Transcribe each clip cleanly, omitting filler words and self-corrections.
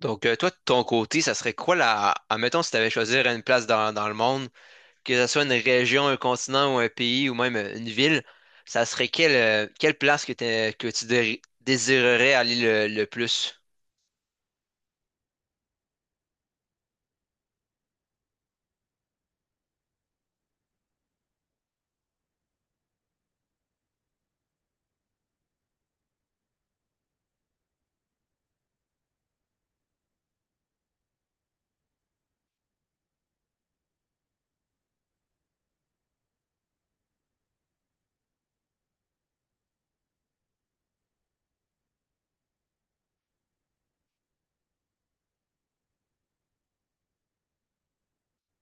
Toi, de ton côté, ça serait quoi la... Admettons, si tu avais choisi une place dans le monde, que ce soit une région, un continent ou un pays ou même une ville, ça serait quelle place que tu désirerais aller le plus?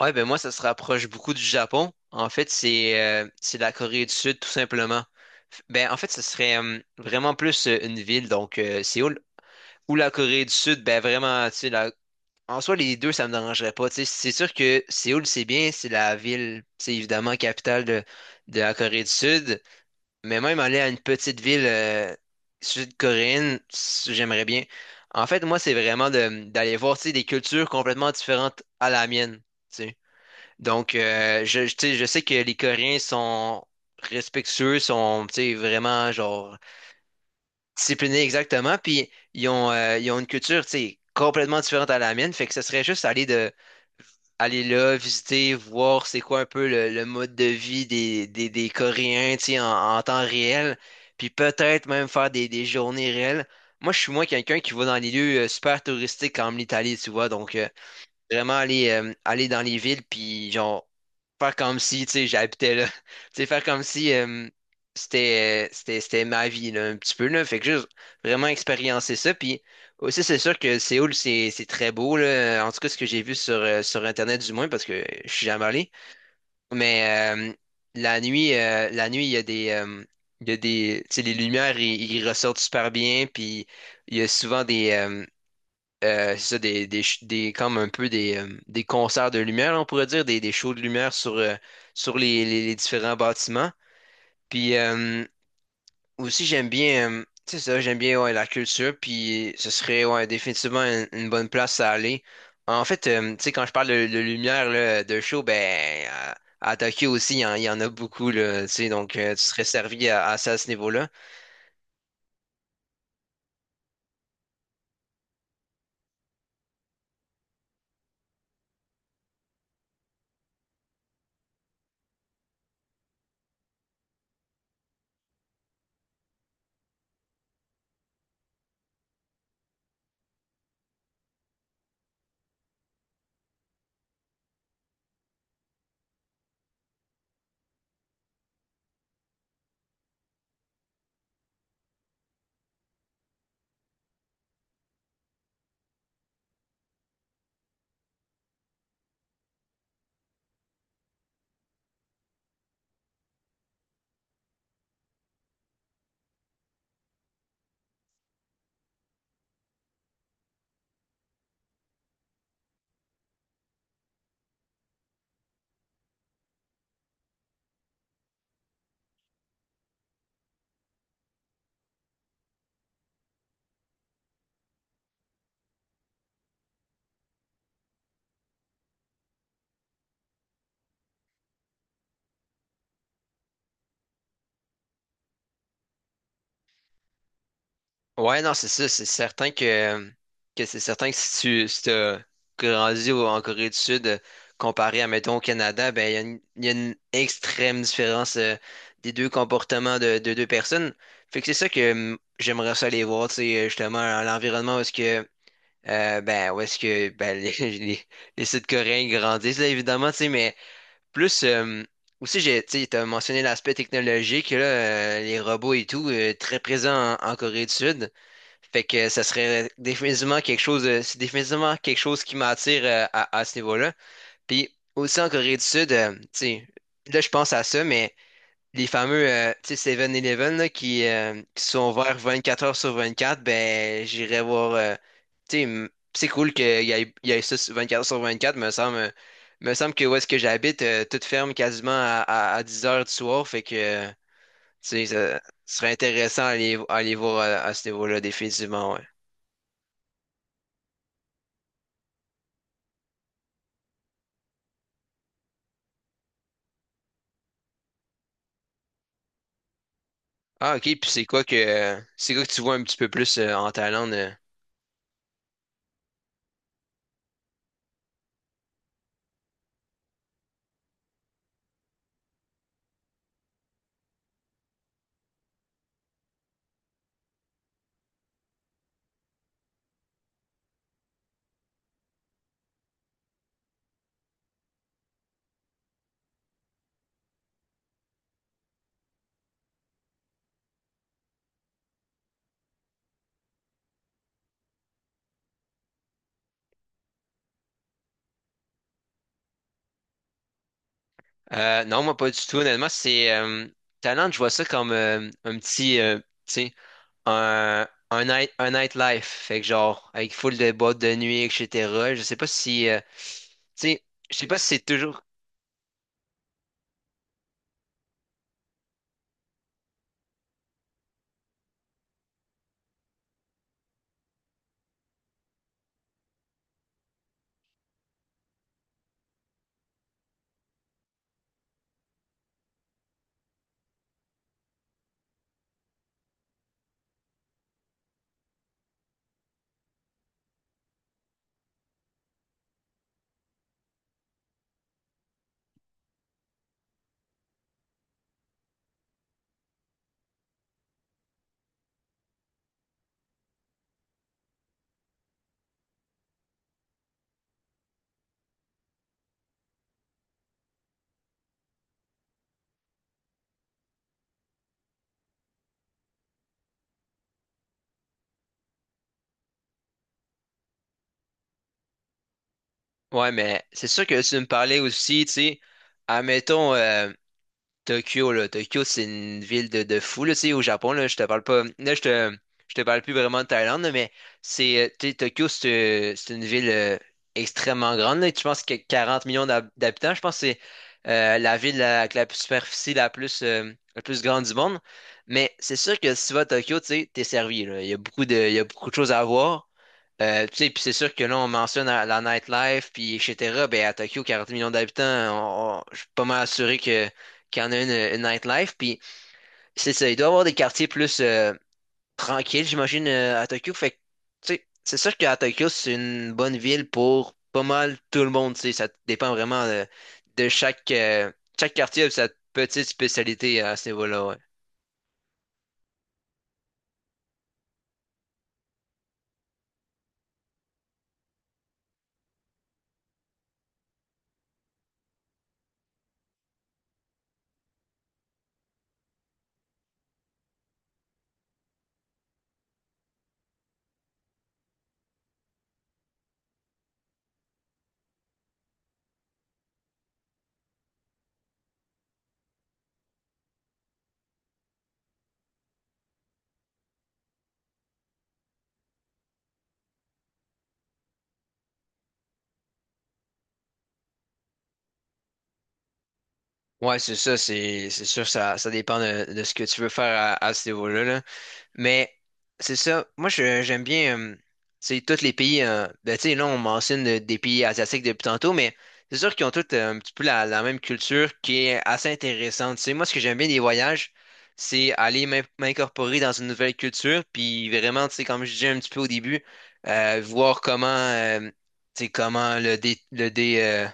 Ouais, ben moi, ça se rapproche beaucoup du Japon. En fait, c'est la Corée du Sud, tout simplement. Ben, en fait, ce serait vraiment plus une ville, Séoul. Ou la Corée du Sud, ben vraiment, tu sais, la... En soi, les deux, ça me dérangerait pas. Tu sais, c'est sûr que Séoul, c'est bien, c'est la ville, c'est évidemment de la Corée du Sud. Mais même aller à une petite ville sud-coréenne, j'aimerais bien. En fait, moi, c'est vraiment d'aller voir, tu sais, des cultures complètement différentes à la mienne. Tu sais. Donc, tu sais, je sais que les Coréens sont respectueux, sont, tu sais, vraiment, genre, disciplinés, exactement. Puis, ils ont une culture, tu sais, complètement différente à la mienne. Fait que ce serait juste aller là, visiter, voir c'est quoi un peu le mode de vie des Coréens, tu sais, en temps réel, puis peut-être même faire des journées réelles. Moi, je suis moins quelqu'un qui va dans les lieux super touristiques comme l'Italie, tu vois, vraiment aller dans les villes, puis genre, faire comme si, tu sais, j'habitais là. Tu sais, faire comme si c'était ma vie, là, un petit peu, là. Fait que juste vraiment expériencer ça. Puis aussi, c'est sûr que Séoul, c'est très beau, là. En tout cas, ce que j'ai vu sur Internet, du moins, parce que je suis jamais allé. Mais la nuit, il y a il y a tu sais, les lumières, ils ressortent super bien, puis il y a souvent des, c'est ça, des, ch- des- comme un peu des concerts de lumière, on pourrait dire, des shows de lumière sur les différents bâtiments. Puis aussi, j'aime bien, ouais, la culture, puis ce serait, ouais, définitivement une bonne place à aller. En fait, tu sais, quand je parle de lumière, là, de show, ben, à Tokyo aussi, il y en a beaucoup, là, tu sais, tu serais servi à ça à ce niveau-là. Ouais, non, c'est ça. C'est certain que c'est certain que si t'as grandi en Corée du Sud, comparé à, mettons, au Canada, ben, il y a une extrême différence des deux comportements de deux personnes. Fait que c'est ça que, j'aimerais ça aller voir, tu sais, justement, à l'environnement où est-ce que, où est-ce que, ben, les, les Sud-Coréens grandissent, là, évidemment, tu sais, mais plus, aussi, j'ai, tu sais, t'as mentionné l'aspect technologique, là, les robots et tout, très présent en Corée du Sud. Fait que ça serait définitivement c'est définitivement quelque chose qui m'attire, à ce niveau-là. Puis aussi en Corée du Sud, tu sais, là je pense à ça, mais les fameux, tu sais, Seven eleven là, qui sont ouverts 24 heures sur 24, ben j'irai voir. Tu sais. C'est cool il y ait ça sur quatre heures sur 24, me semble. Me semble que où est-ce que j'habite, tout ferme quasiment à 10 heures du soir. Fait que tu sais, ça serait intéressant à aller voir à ce niveau-là, définitivement. Ouais. Ah, ok. Puis c'est quoi que tu vois un petit peu plus, en Thaïlande? Euh? Non, moi pas du tout, honnêtement. C'est Thaïlande, je vois ça comme un petit tu sais, un night un nightlife. Fait que genre avec full de boîtes de nuit, et etc. Je sais pas si tu sais, je sais pas si c'est toujours. Ouais, mais c'est sûr que tu me parlais aussi, tu sais, admettons, Tokyo, là. Tokyo, c'est une ville de fou, là. Tu sais, au Japon, là, je te parle pas. Là, je te parle plus vraiment de Thaïlande, là, mais tu sais, Tokyo, c'est une ville extrêmement grande, là. Tu penses que y 40 millions d'habitants. Je pense que c'est la ville avec la superficie la plus grande du monde. Mais c'est sûr que si tu vas à Tokyo, tu sais, t'es servi, là. Il y a beaucoup de il y a beaucoup de choses à voir. Tu sais, puis c'est sûr que là, on mentionne la nightlife, puis etc. Ben, à Tokyo, 40 millions d'habitants, je suis pas mal assuré que qui en a une nightlife. Puis c'est ça, il doit y avoir des quartiers plus, tranquilles, j'imagine, à Tokyo. Fait que, tu sais, c'est sûr qu'à Tokyo, c'est une bonne ville pour pas mal tout le monde. Tu sais, ça dépend vraiment de chaque quartier a sa petite spécialité à ce niveau-là. Ouais, ouais c'est ça, c'est sûr, ça dépend de ce que tu veux faire à ce niveau-là, là. Mais c'est ça. Moi, j'aime bien, c'est tous les pays. Euh, ben, tu sais, là, on mentionne, des pays asiatiques depuis tantôt, mais c'est sûr qu'ils ont tous, un petit peu la même culture qui est assez intéressante. Tu sais, moi, ce que j'aime bien des voyages, c'est aller m'incorporer dans une nouvelle culture, puis vraiment, tu sais, comme je disais un petit peu au début, voir comment, tu sais, comment le dé,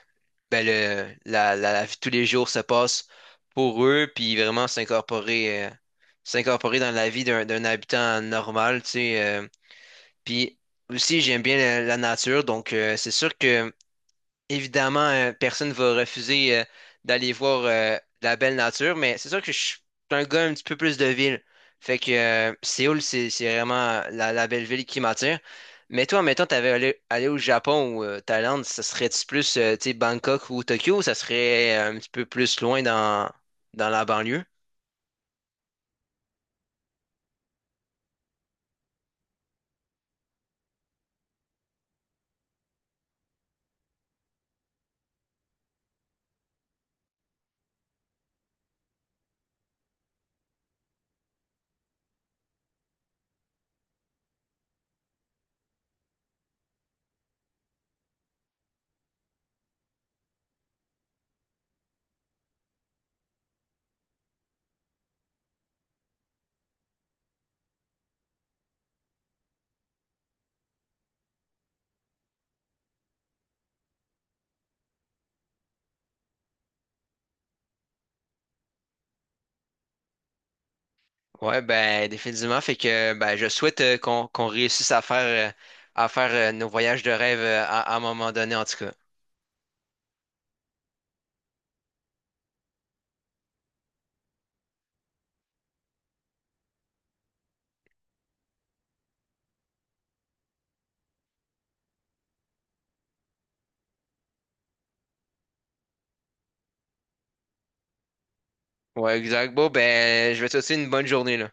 ben, le, la vie de tous les jours se passe pour eux, puis vraiment s'incorporer. S'incorporer dans la vie d'un habitant normal, tu sais. Euh. Puis aussi, j'aime bien la nature, c'est sûr que, évidemment, personne ne va refuser, d'aller voir, de la belle nature, mais c'est sûr que je suis un gars un petit peu plus de ville. Fait que, Séoul, c'est vraiment la belle ville qui m'attire. Mais toi, mettons, allé au Japon ou, Thaïlande, ça serait-tu plus, tu sais, Bangkok ou Tokyo, ou ça serait, un petit peu plus loin dans la banlieue? Ouais, ben définitivement. Fait que ben je souhaite, qu'on réussisse à faire, euh, nos voyages de rêve, à un moment donné en tout cas. Ouais, exact. Bon, ben je vais te souhaiter une bonne journée là.